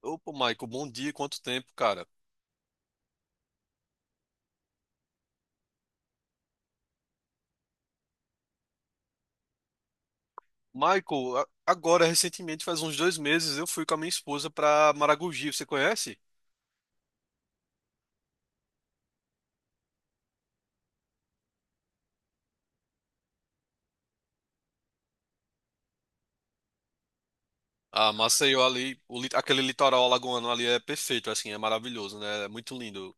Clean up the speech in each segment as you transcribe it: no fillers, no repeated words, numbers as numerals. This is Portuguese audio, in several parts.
Opa, Michael, bom dia, quanto tempo, cara? Michael, agora, recentemente, faz uns dois meses, eu fui com a minha esposa pra Maragogi, você conhece? Ah, Maceió ali, aquele litoral alagoano ali é perfeito, assim, é maravilhoso, né? É muito lindo,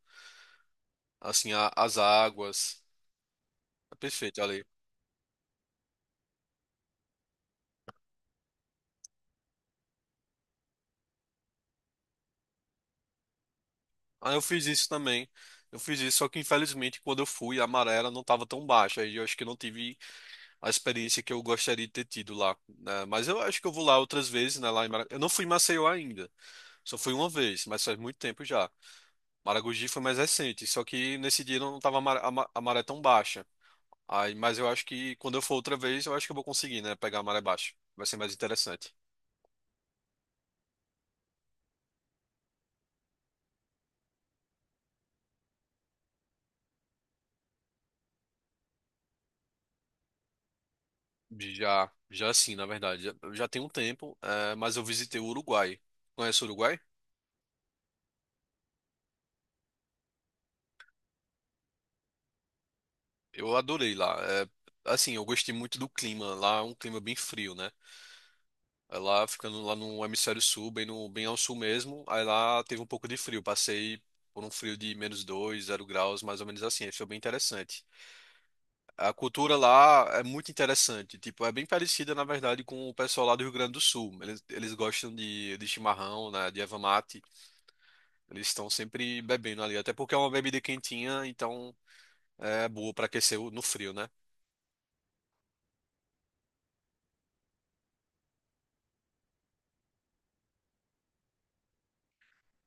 assim, as águas, é perfeito ali. Ah, eu fiz isso também, eu fiz isso, só que infelizmente quando eu fui, a maré ela não estava tão baixa, e eu acho que não tive a experiência que eu gostaria de ter tido lá, né? Mas eu acho que eu vou lá outras vezes, né, lá em Mara... Eu não fui em Maceió ainda. Só fui uma vez, mas faz muito tempo já. Maragogi foi mais recente, só que nesse dia não tava a maré tão baixa. Aí, mas eu acho que quando eu for outra vez, eu acho que eu vou conseguir, né? Pegar a maré baixa. Vai ser mais interessante. Já, já sim, na verdade. Já, já tem um tempo, mas eu visitei o Uruguai. Conhece o Uruguai? Eu adorei lá. Assim, eu gostei muito do clima. Lá é um clima bem frio, né? Aí lá, ficando lá no hemisfério sul, bem, no, bem ao sul mesmo, aí lá teve um pouco de frio. Passei por um frio de menos dois zero graus, mais ou menos assim. Aí foi bem interessante. A cultura lá é muito interessante. Tipo, é bem parecida, na verdade, com o pessoal lá do Rio Grande do Sul. Eles gostam de chimarrão, né, de erva mate. Eles estão sempre bebendo ali, até porque é uma bebida quentinha, então é boa para aquecer no frio, né?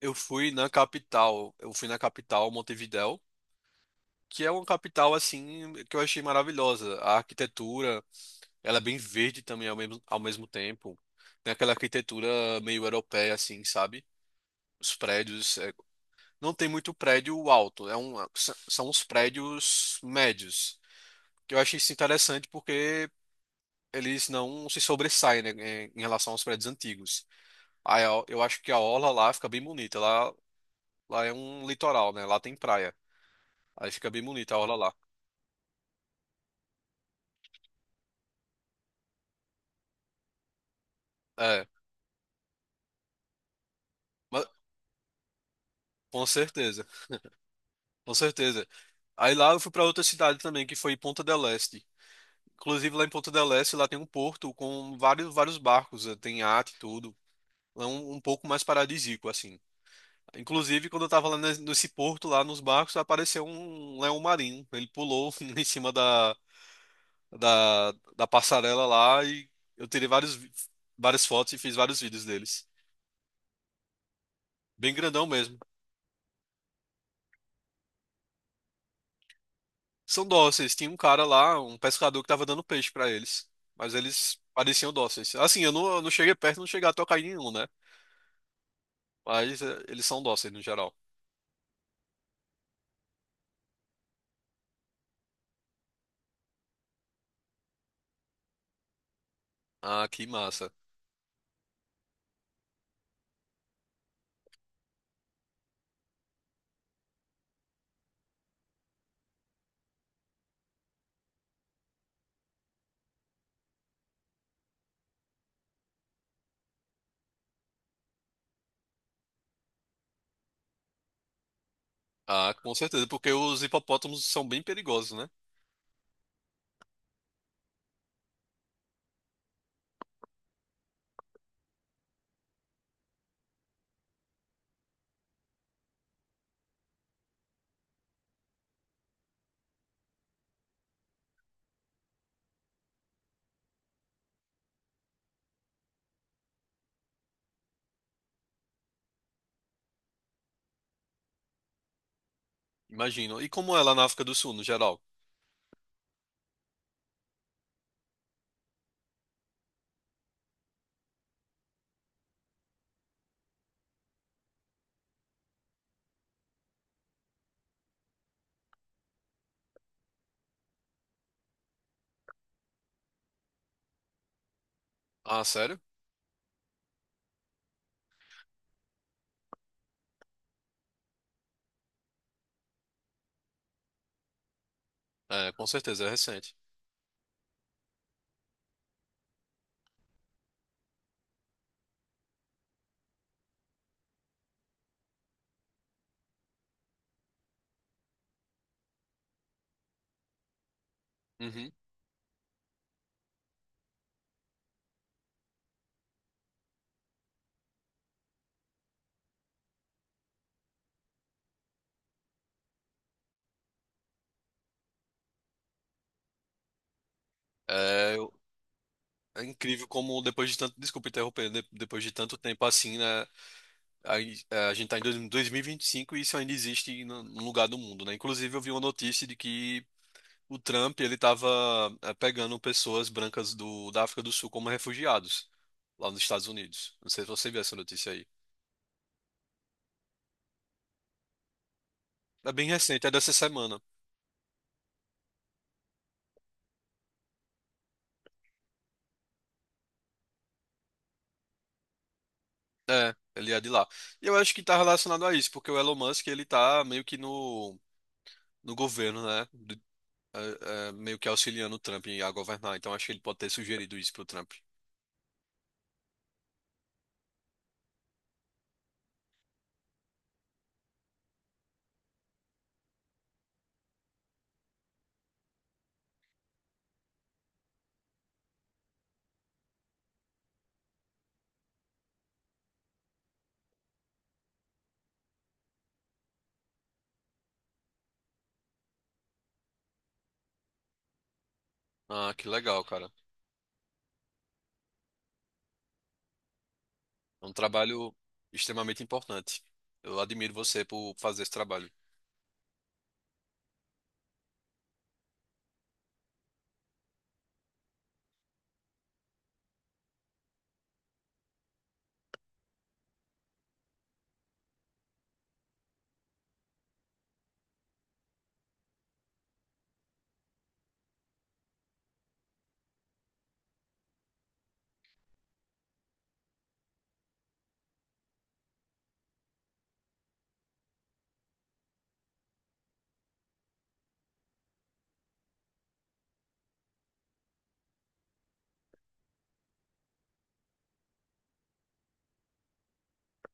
Eu fui na capital, Montevidéu, que é uma capital assim que eu achei maravilhosa. A arquitetura, ela é bem verde também ao mesmo tempo. Tem aquela arquitetura meio europeia assim, sabe? Os prédios, é, não tem muito prédio alto, é um, são os prédios médios. Que eu achei isso interessante porque eles não se sobressaem, né, em relação aos prédios antigos. Eu acho que a orla lá fica bem bonita. Lá, lá é um litoral, né? Lá tem praia. Aí fica bem bonita a orla lá. É, mas com certeza. Com certeza. Aí lá eu fui para outra cidade também, que foi Ponta del Este. Inclusive lá em Ponta del Este, lá tem um porto com vários barcos, tem iate e tudo. É um pouco mais paradisíaco, assim. Inclusive, quando eu tava lá nesse porto, lá nos barcos, apareceu um leão marinho. Ele pulou em cima da passarela lá e eu tirei várias fotos e fiz vários vídeos deles. Bem grandão mesmo. São dóceis. Tinha um cara lá, um pescador que tava dando peixe pra eles. Mas eles pareciam dóceis. Assim, eu não cheguei perto, não cheguei a tocar em nenhum, né? Mas eles são dóceis no geral. Ah, que massa. Ah, com certeza, porque os hipopótamos são bem perigosos, né? Imagino. E como é lá na África do Sul, no geral? Ah, sério? É, com certeza, é recente. Uhum. É, eu- é incrível como depois de tanto. Desculpa interromper, depois de tanto tempo assim, né? A, a gente está em 2025 e vinte e cinco e isso ainda existe no um lugar do mundo, né? Inclusive, eu vi uma notícia de que o Trump ele estava pegando pessoas brancas da África do Sul como refugiados lá nos Estados Unidos. Não sei se você viu essa notícia aí. É bem recente, é dessa semana. É, ele é de lá. E eu acho que está relacionado a isso, porque o Elon Musk ele está meio que no governo, né? É, é, meio que auxiliando o Trump a governar. Então, acho que ele pode ter sugerido isso pro Trump. Ah, que legal, cara. É um trabalho extremamente importante. Eu admiro você por fazer esse trabalho.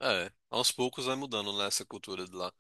É, aos poucos vai mudando, né, essa cultura de lá.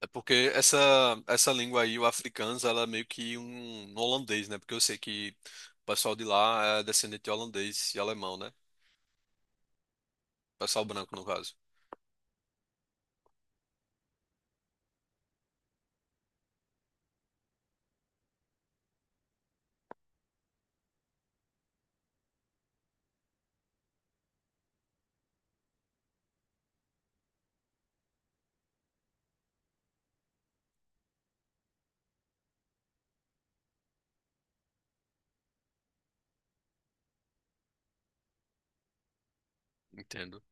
É porque essa língua aí, o afrikaans, ela é meio que um holandês, né? Porque eu sei que o pessoal de lá é descendente de holandês e alemão, né? O pessoal branco, no caso. Entendo.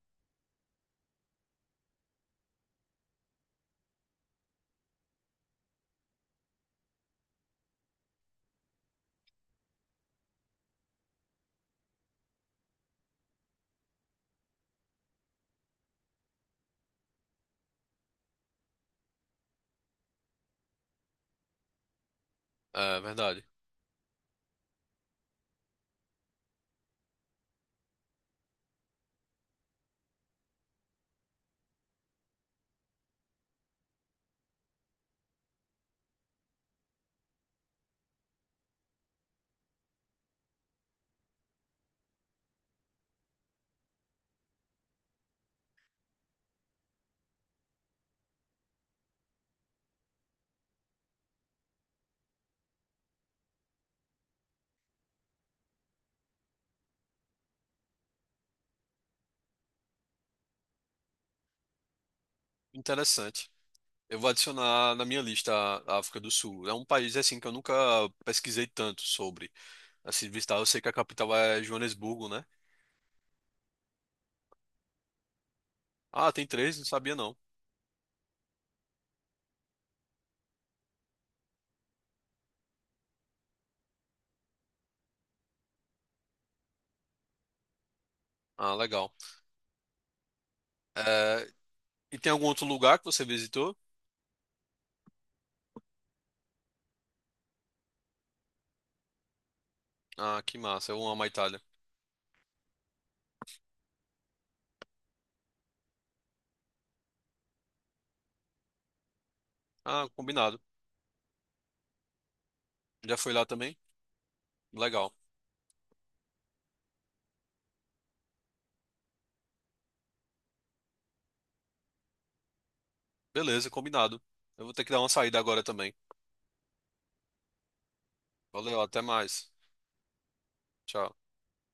É verdade. Interessante. Eu vou adicionar na minha lista a África do Sul. É um país, assim, que eu nunca pesquisei tanto sobre. Assim, de visitar, eu sei que a capital é Joanesburgo, né? Ah, tem três? Não sabia, não. Ah, legal. É, e tem algum outro lugar que você visitou? Ah, que massa. Eu amo a Itália. Ah, combinado. Já foi lá também? Legal. Beleza, combinado. Eu vou ter que dar uma saída agora também. Valeu, até mais. Tchau.